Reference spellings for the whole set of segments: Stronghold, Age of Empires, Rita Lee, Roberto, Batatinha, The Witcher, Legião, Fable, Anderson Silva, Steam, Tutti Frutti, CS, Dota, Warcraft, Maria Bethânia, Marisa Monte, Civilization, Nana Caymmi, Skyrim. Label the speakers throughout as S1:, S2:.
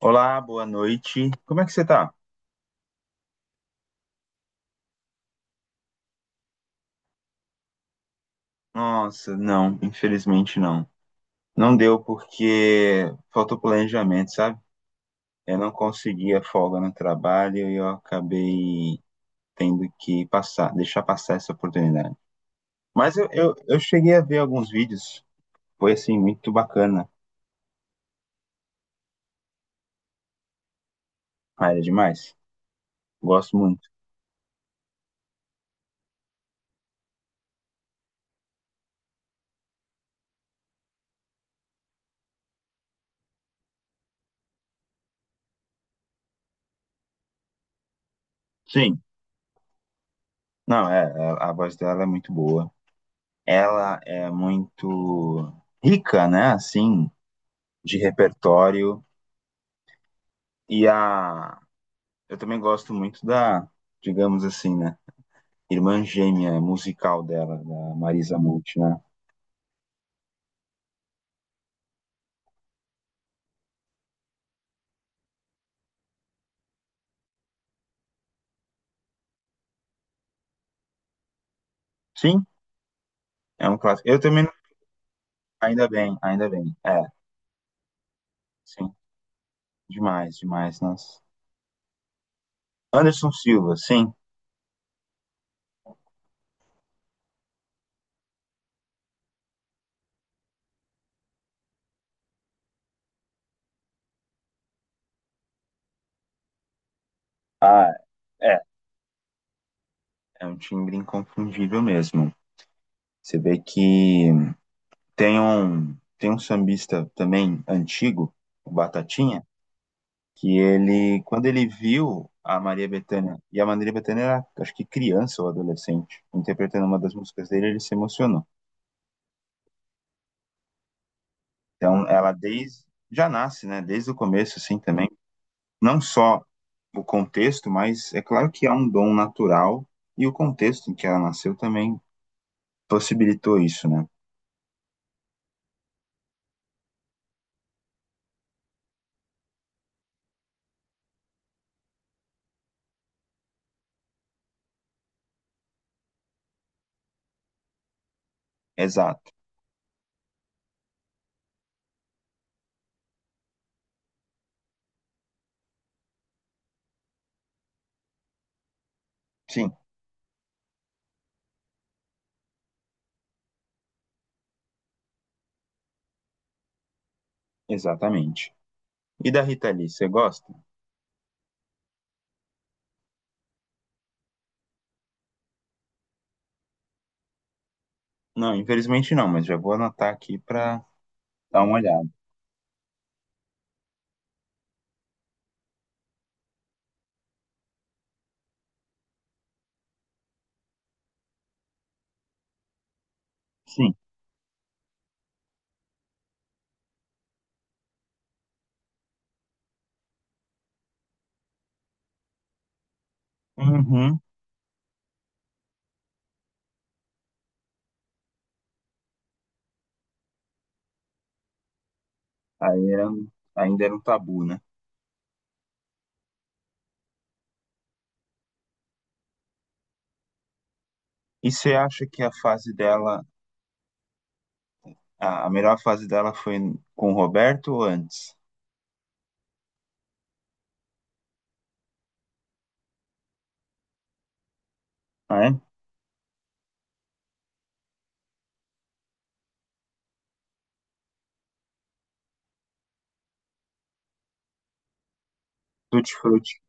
S1: Olá, boa noite. Como é que você tá? Nossa, não, infelizmente não. Não deu porque faltou planejamento, sabe? Eu não conseguia folga no trabalho e eu acabei tendo que passar, deixar passar essa oportunidade. Mas eu cheguei a ver alguns vídeos, foi assim, muito bacana. Ah, era demais. Gosto muito. Sim, não, é, é- a voz dela é muito boa. Ela é muito rica, né? Assim, de repertório. E a, eu também gosto muito da, digamos assim, né? Irmã gêmea musical dela, da Marisa Monte, né? Sim, é um clássico. Eu também, ainda bem, ainda bem. É, sim, demais, demais, nossa. Anderson Silva, sim. Ah, é, é um timbre inconfundível mesmo. Você vê que tem um sambista também antigo, o Batatinha, que ele, quando ele viu a Maria Bethânia, e a Maria Bethânia era, acho que criança ou adolescente, interpretando uma das músicas dele, ele se emocionou. Então, ela desde, já nasce, né, desde o começo, assim, também, não só o contexto, mas é claro que há um dom natural, e o contexto em que ela nasceu também possibilitou isso, né? Exato, sim, exatamente. E da Rita Lee, você gosta? Não, infelizmente não, mas já vou anotar aqui para dar uma olhada. Sim. Uhum. Aí era, ainda era um tabu, né? E você acha que a fase dela, a melhor fase dela foi com o Roberto ou antes? Ah, é? Tutti Frutti.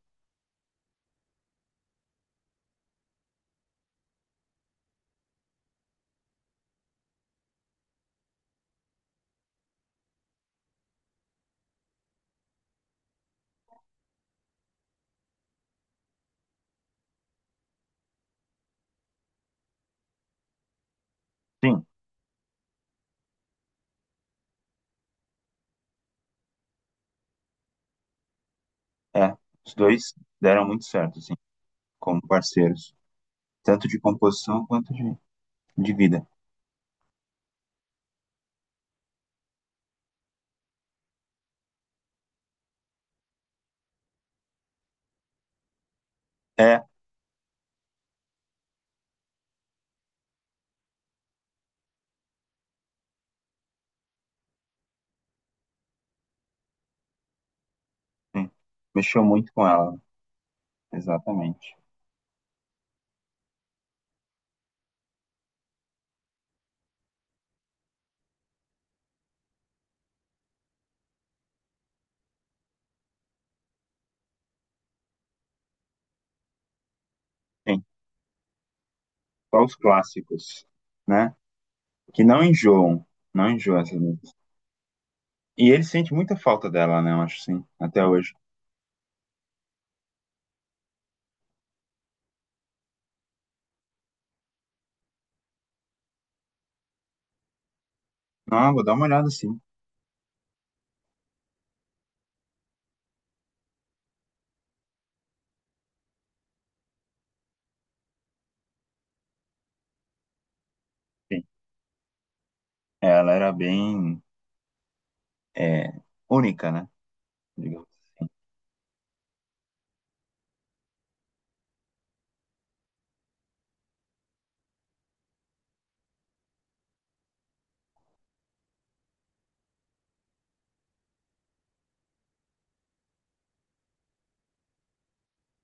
S1: Sim, é. Os dois deram muito certo, assim, como parceiros. Tanto de composição quanto de vida. É, sim. Mexeu muito com ela, exatamente. Sim, só os clássicos, né? Que não enjoam. Não enjoam essas músicas. E ele sente muita falta dela, né? Eu acho, sim, até hoje. Não, vou dar uma olhada, sim. Sim. Ela era bem é, única, né? Digamos.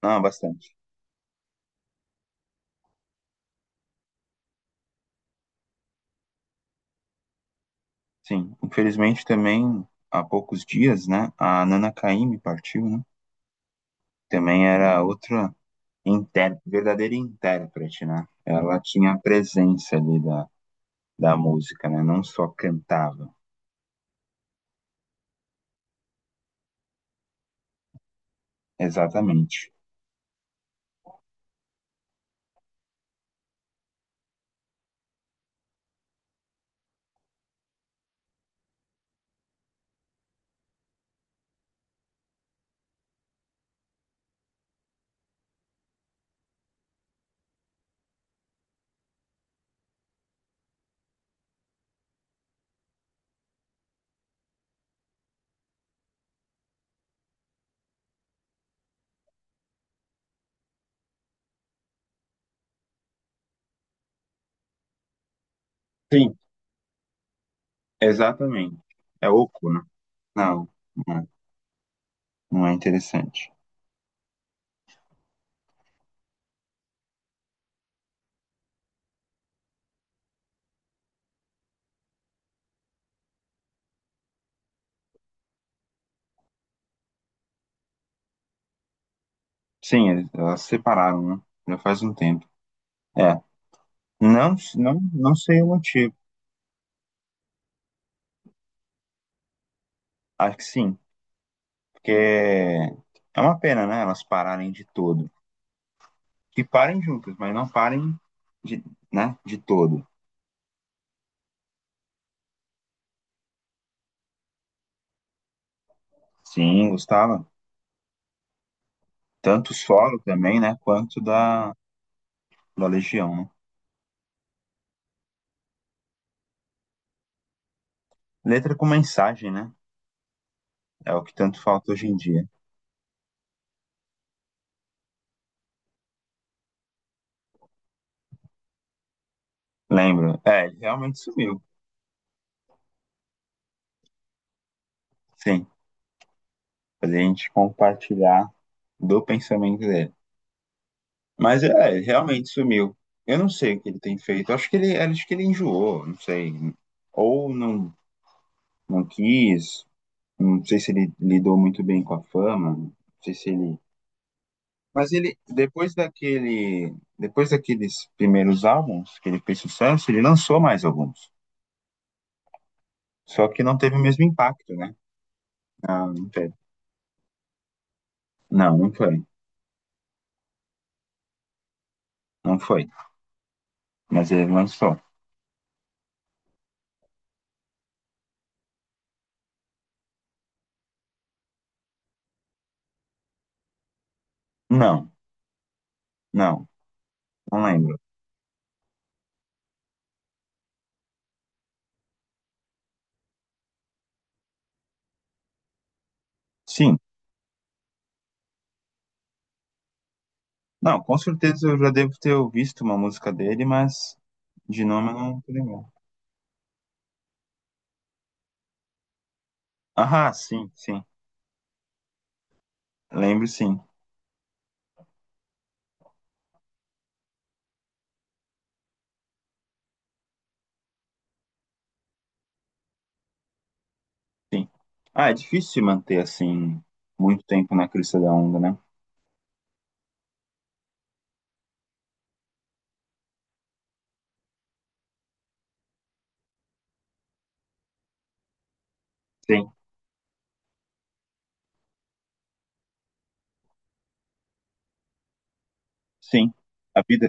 S1: Ah, bastante. Sim. Infelizmente também há poucos dias, né? A Nana Caymmi partiu, né? Também era outra inter... verdadeira intérprete, né? Ela tinha a presença ali da, da música, né? Não só cantava. Exatamente. Sim, exatamente. É oco, né? Não, não é, não é interessante. Sim, eles- elas se separaram, né? Já faz um tempo. É. Não, não, não sei o motivo. Acho que sim. Porque é uma pena, né? Elas pararem de todo. Que parem juntas, mas não parem de, né, de todo. Sim, gostava. Tanto solo também, né? Quanto da, da Legião, né? Letra com mensagem, né? É o que tanto falta hoje em dia. Lembro. É, ele realmente sumiu. Sim. Fazer a gente compartilhar do pensamento dele. Mas é, ele realmente sumiu. Eu não sei o que ele tem feito. Acho que ele enjoou, não sei. Ou não, não quis, não sei se ele lidou muito bem com a fama, não sei se ele. Mas ele, depois daquele, depois daqueles primeiros álbuns que ele fez sucesso, ele lançou mais alguns. Só que não teve o mesmo impacto, né? Não, não teve. Não, não foi. Não foi. Mas ele lançou. Não, não, não, lembro. Sim, não, com certeza eu já devo ter visto uma música dele, mas de nome eu não lembro. Ah, sim, sim. Lembro sim. Sim. Ah, é difícil se manter assim muito tempo na crista da onda, né? Sim, sim. A vida,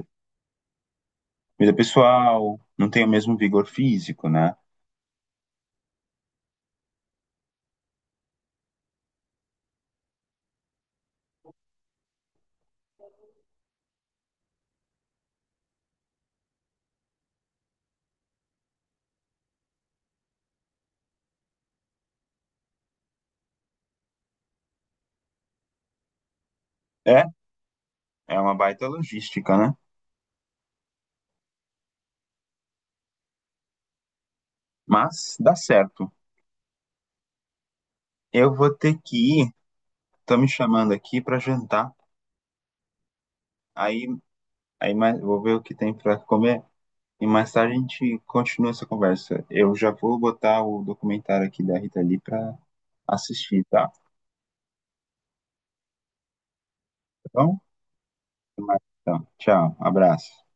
S1: vida pessoal não tem o mesmo vigor físico, né? É, é uma baita logística, né? Mas dá certo. Eu vou ter que ir. Estão me chamando aqui para jantar. Aí, aí mais, vou ver o que tem para comer e mais tarde a gente continua essa conversa. Eu já vou botar o documentário aqui da Rita Lee para assistir, tá? Tá bom? Até mais, então, tchau, abraço.